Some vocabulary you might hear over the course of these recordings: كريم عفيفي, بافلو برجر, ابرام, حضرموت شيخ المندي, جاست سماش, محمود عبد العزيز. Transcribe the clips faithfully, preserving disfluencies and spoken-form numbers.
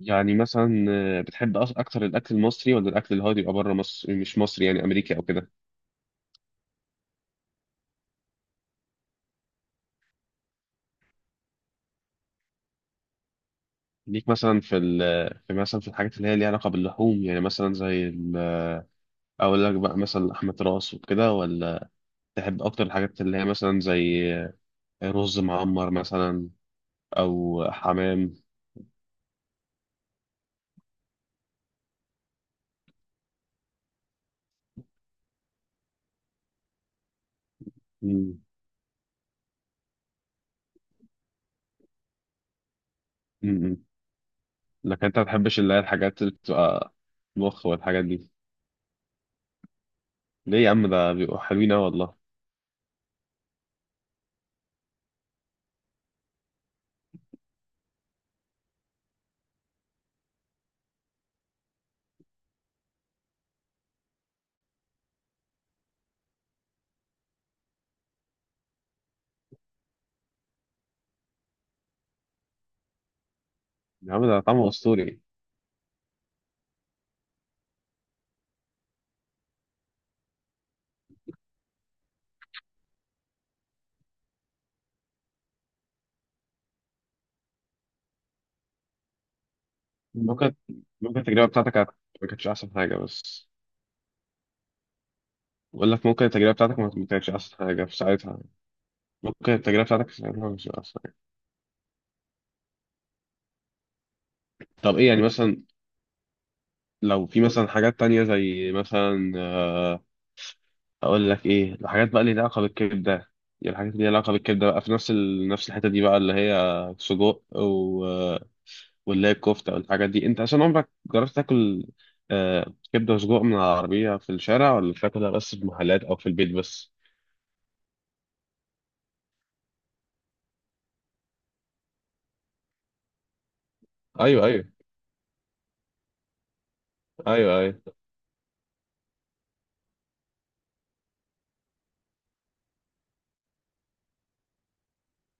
يعني مثلا آه، بتحب أص- اكتر الاكل المصري ولا الاكل اللي هو بيبقى بره مصر مش مصري، يعني امريكي او كده؟ ليك مثلا في ال في مثلا في الحاجات اللي هي ليها علاقه باللحوم، يعني مثلا زي ال- اقول لك بقى مثلا لحمه راس وكده، ولا تحب اكتر الحاجات اللي هي مثلا زي آه، رز معمر مثلا، او حمام؟ مم. مم. لكن انت ما بتحبش اللي هي الحاجات اللي بتبقى مخ والحاجات دي؟ ليه يا عم؟ ده بيبقوا حلوين أوي والله. يا عم ده طعمه اسطوري. ممكن ممكن، التجربة بتاعتك كانت- ما كانتش أحسن حاجة، بس بقول لك ممكن التجربة بتاعتك ما ما كانتش أحسن حاجة في ساعتها. ممكن التجربة بتاعتك في ساعتها مش أحسن حاجة. طب إيه يعني مثلا؟ لو في مثلا حاجات تانية زي مثلا آه، أقول لك إيه الحاجات بقى اللي ليها علاقة بالكبدة. يعني الحاجات اللي ليها علاقة بالكبدة بقى في نفس ال... نفس الحتة دي بقى، اللي هي سجق و... واللي هي الكفتة والحاجات دي. أنت عشان عمرك جربت تاكل آه، كبدة وسجق من العربية في الشارع، ولا بتاكلها بس في محلات أو في البيت بس؟ ايوه، ايوه. ايوه، ايوه.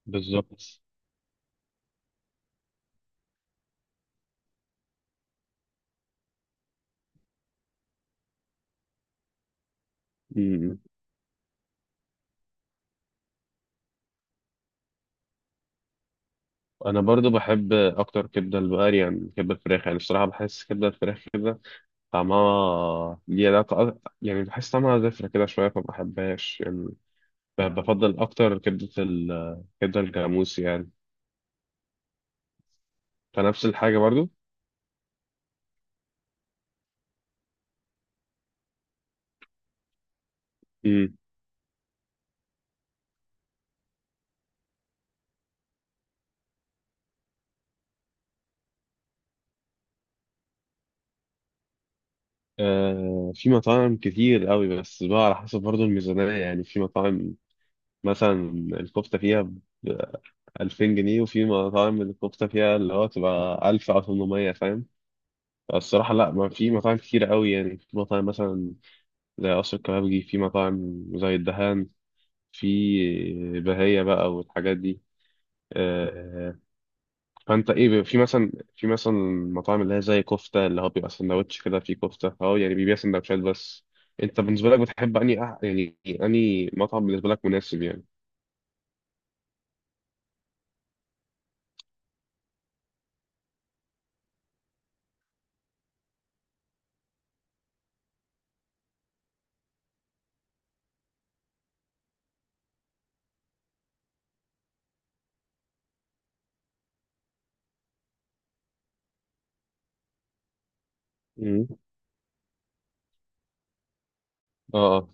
بالظبط. أمم. انا برضو بحب اكتر كبده البقري يعني من كبده الفراخ. يعني الصراحه بحس كبده الفراخ كده طعمها ليه علاقه أك- يعني بحس طعمها زفره كده شويه، فما بحبهاش يعني. ب- بفضل اكتر كبده ال- كبده الجاموس يعني، فنفس الحاجه برضو. امم. آه في مطاعم كتير قوي، بس بقى على حسب برضو الميزانيه. يعني في مطاعم مثلا الكفته فيها ب ألفين جنيه، وفي مطاعم الكفته فيها اللي هو تبقى ألف او ثمانمائة، فاهم؟ الصراحة لا، ما في مطاعم كتير قوي. يعني في مطاعم مثلا زي قصر الكبابجي، في مطاعم زي الدهان، في بهية بقى والحاجات دي آه، فانت ايه في مثلا في مثلا مطاعم اللي هي زي كفتة اللي هو بيبقى سندوتش كده فيه كفتة، اه، يعني بيبيع سندوتشات بس. انت بالنسبة لك بتحب اني أح- يعني اني مطعم بالنسبة لك مناسب يعني؟ مم. اه. آه،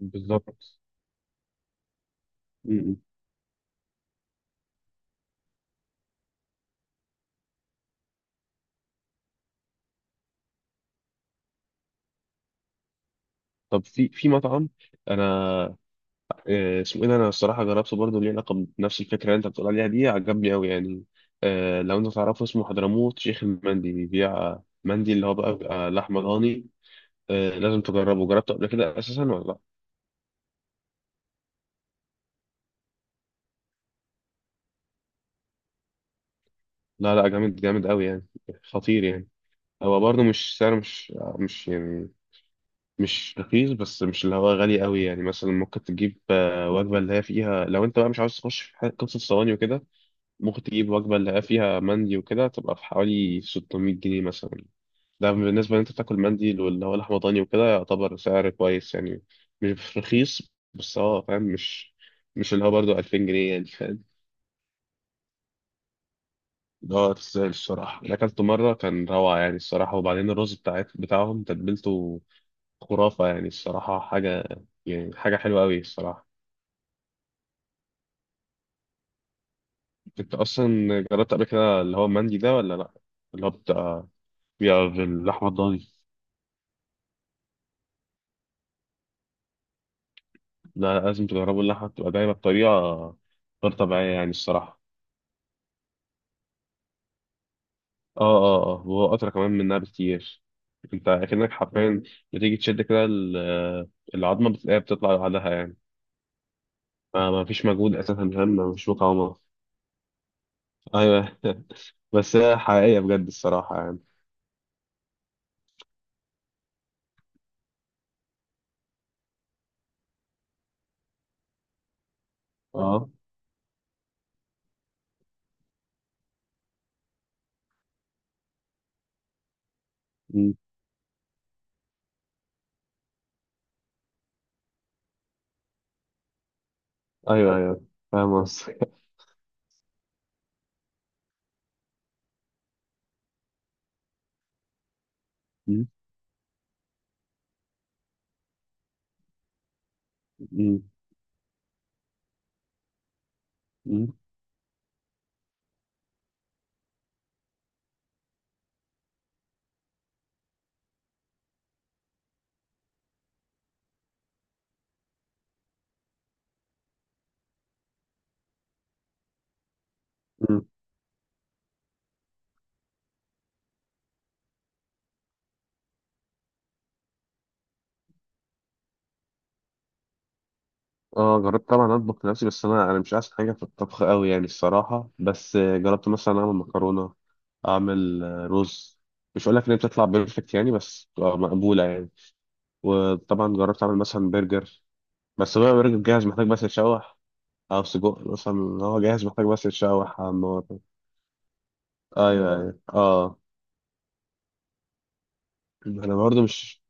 بالظبط. م- م. طب في في مطعم، انا آه، اسمه ايه ده؟ انا الصراحه جربته برضه، ليه علاقه بنفس الفكره اللي انت بتقول عليها دي، عجبني قوي يعني. آه، لو انت تعرفه، اسمه حضرموت شيخ المندي، بيبيع مندي اللي هو بقى بيبقى لحمه ضاني. آه، لازم تجربه. جربته قبل كده اساسا ولا لا؟ لا، لا، جامد جامد قوي يعني، خطير يعني. هو برضه مش سعر، مش مش، يعني مش رخيص، بس مش اللي هو غالي قوي يعني. مثلا ممكن تجيب آه، وجبه اللي هي فيها، لو انت بقى مش عاوز تخش في حاجة- قصه صواني وكده، ممكن تجيب وجبه اللي هي فيها مندي وكده تبقى في حوالي ستمائة جنيه مثلا. ده بالنسبة ان انت بتاكل مندي واللي هو لحمة ضاني وكده يعتبر سعر كويس يعني. مش رخيص، بس هو فاهم، مش مش اللي هو برضه ألفين جنيه يعني، فاهم؟ اللي هو تستاهل الصراحة. اللي أكلته مرة كان روعة يعني، الصراحة. وبعدين الرز بتاعت بتاعهم تتبيلته خرافة يعني، الصراحة حاجة، يعني حاجة حلوة أوي الصراحة. أنت أصلا جربت قبل كده اللي هو مندي ده ولا لأ؟ اللي هو بتاع، بيبقى باللحمة الضاني. لا، لازم تجربوا، اللحمة بتبقى دايما بطريقة غير طبيعية يعني، الصراحة. اه، اه، اه، وهو اسرع كمان منها بكتير. انت اكنك حرفيا بتيجي تشد كده ال- العظمه بتلاقيها بتطلع لوحدها يعني. ما ما فيش مجهود اساسا، فاهم؟ ما فيش مقاومه. ايوه. بس هي حقيقيه بجد، الصراحه يعني. اه. مم. ايوه، ايوه، فاهم قصدك. مم. مم. مم. مم. اه، جربت طبعا اطبخ لنفسي، بس انا انا مش احسن حاجه في الطبخ قوي يعني، الصراحه. بس جربت مثلا اعمل مكرونه، اعمل آه، رز. مش هقول لك ان هي بتطلع بيرفكت يعني، بس بتبقى مقبوله يعني. وطبعا جربت اعمل مثلا برجر، بس بقى برجر جاهز محتاج بس يتشوح، او سجق مثلا. هو جاهز محتاج بس يتشوح على النار. ايوه، ايوه، اه. انا برضه مش،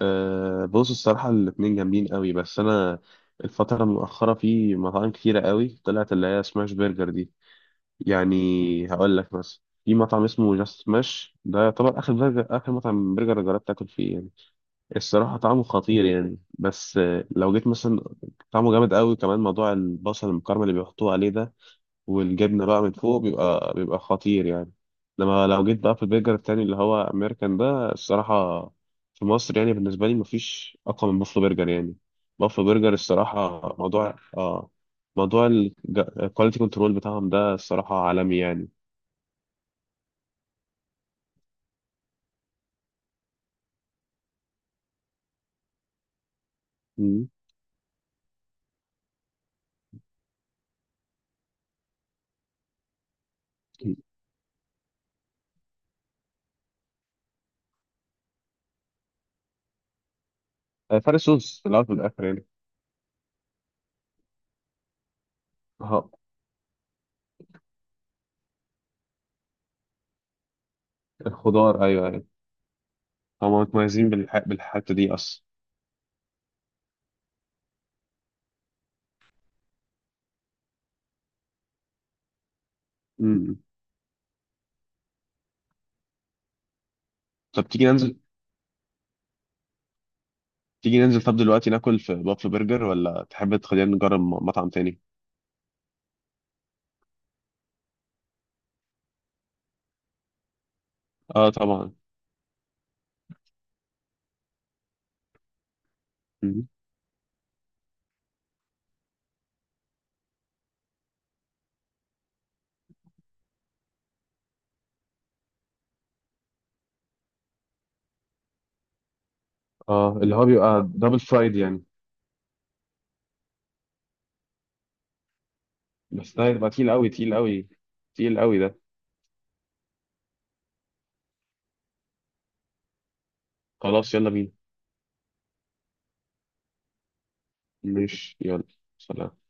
آه بص الصراحه الاتنين جامدين قوي. بس انا الفتره المؤخره في مطاعم كتيره قوي طلعت اللي هي سماش برجر دي، يعني هقول لك مثلا في مطعم اسمه جاست سماش، ده يعتبر اخر برجر، اخر مطعم برجر جربت اكل فيه يعني. الصراحة طعمه خطير يعني، بس آه، لو جيت مثلا، طعمه جامد قوي، كمان موضوع البصل المكرمل اللي بيحطوه عليه ده والجبنة بقى من فوق بيبقى بيبقى خطير يعني. لما لو جيت بقى في البرجر التاني اللي هو أمريكان، ده الصراحة في مصر يعني بالنسبة لي مفيش أقوى من بافلو برجر يعني. بافلو برجر الصراحة موضوع، اه موضوع الكواليتي كنترول بتاعهم ده الصراحة عالمي يعني. مم. آه، فرق صوص في الأول وفي الآخر يعني. آه، الخضار أيوه، هم متميزين بالح... بالحته دي اصلا. امم. طب تيجي ننزل، تيجي ننزل طب دلوقتي ناكل في بافلو برجر، ولا تحب تخلينا نجرب م- مطعم تاني؟ اه طبعا. مم. اه، اللي هو بيبقى دبل فرايد يعني. بس ده هيبقى تقيل قوي، تقيل قوي، تقيل قوي ده. خلاص يلا بينا. ماشي يلا. سلام.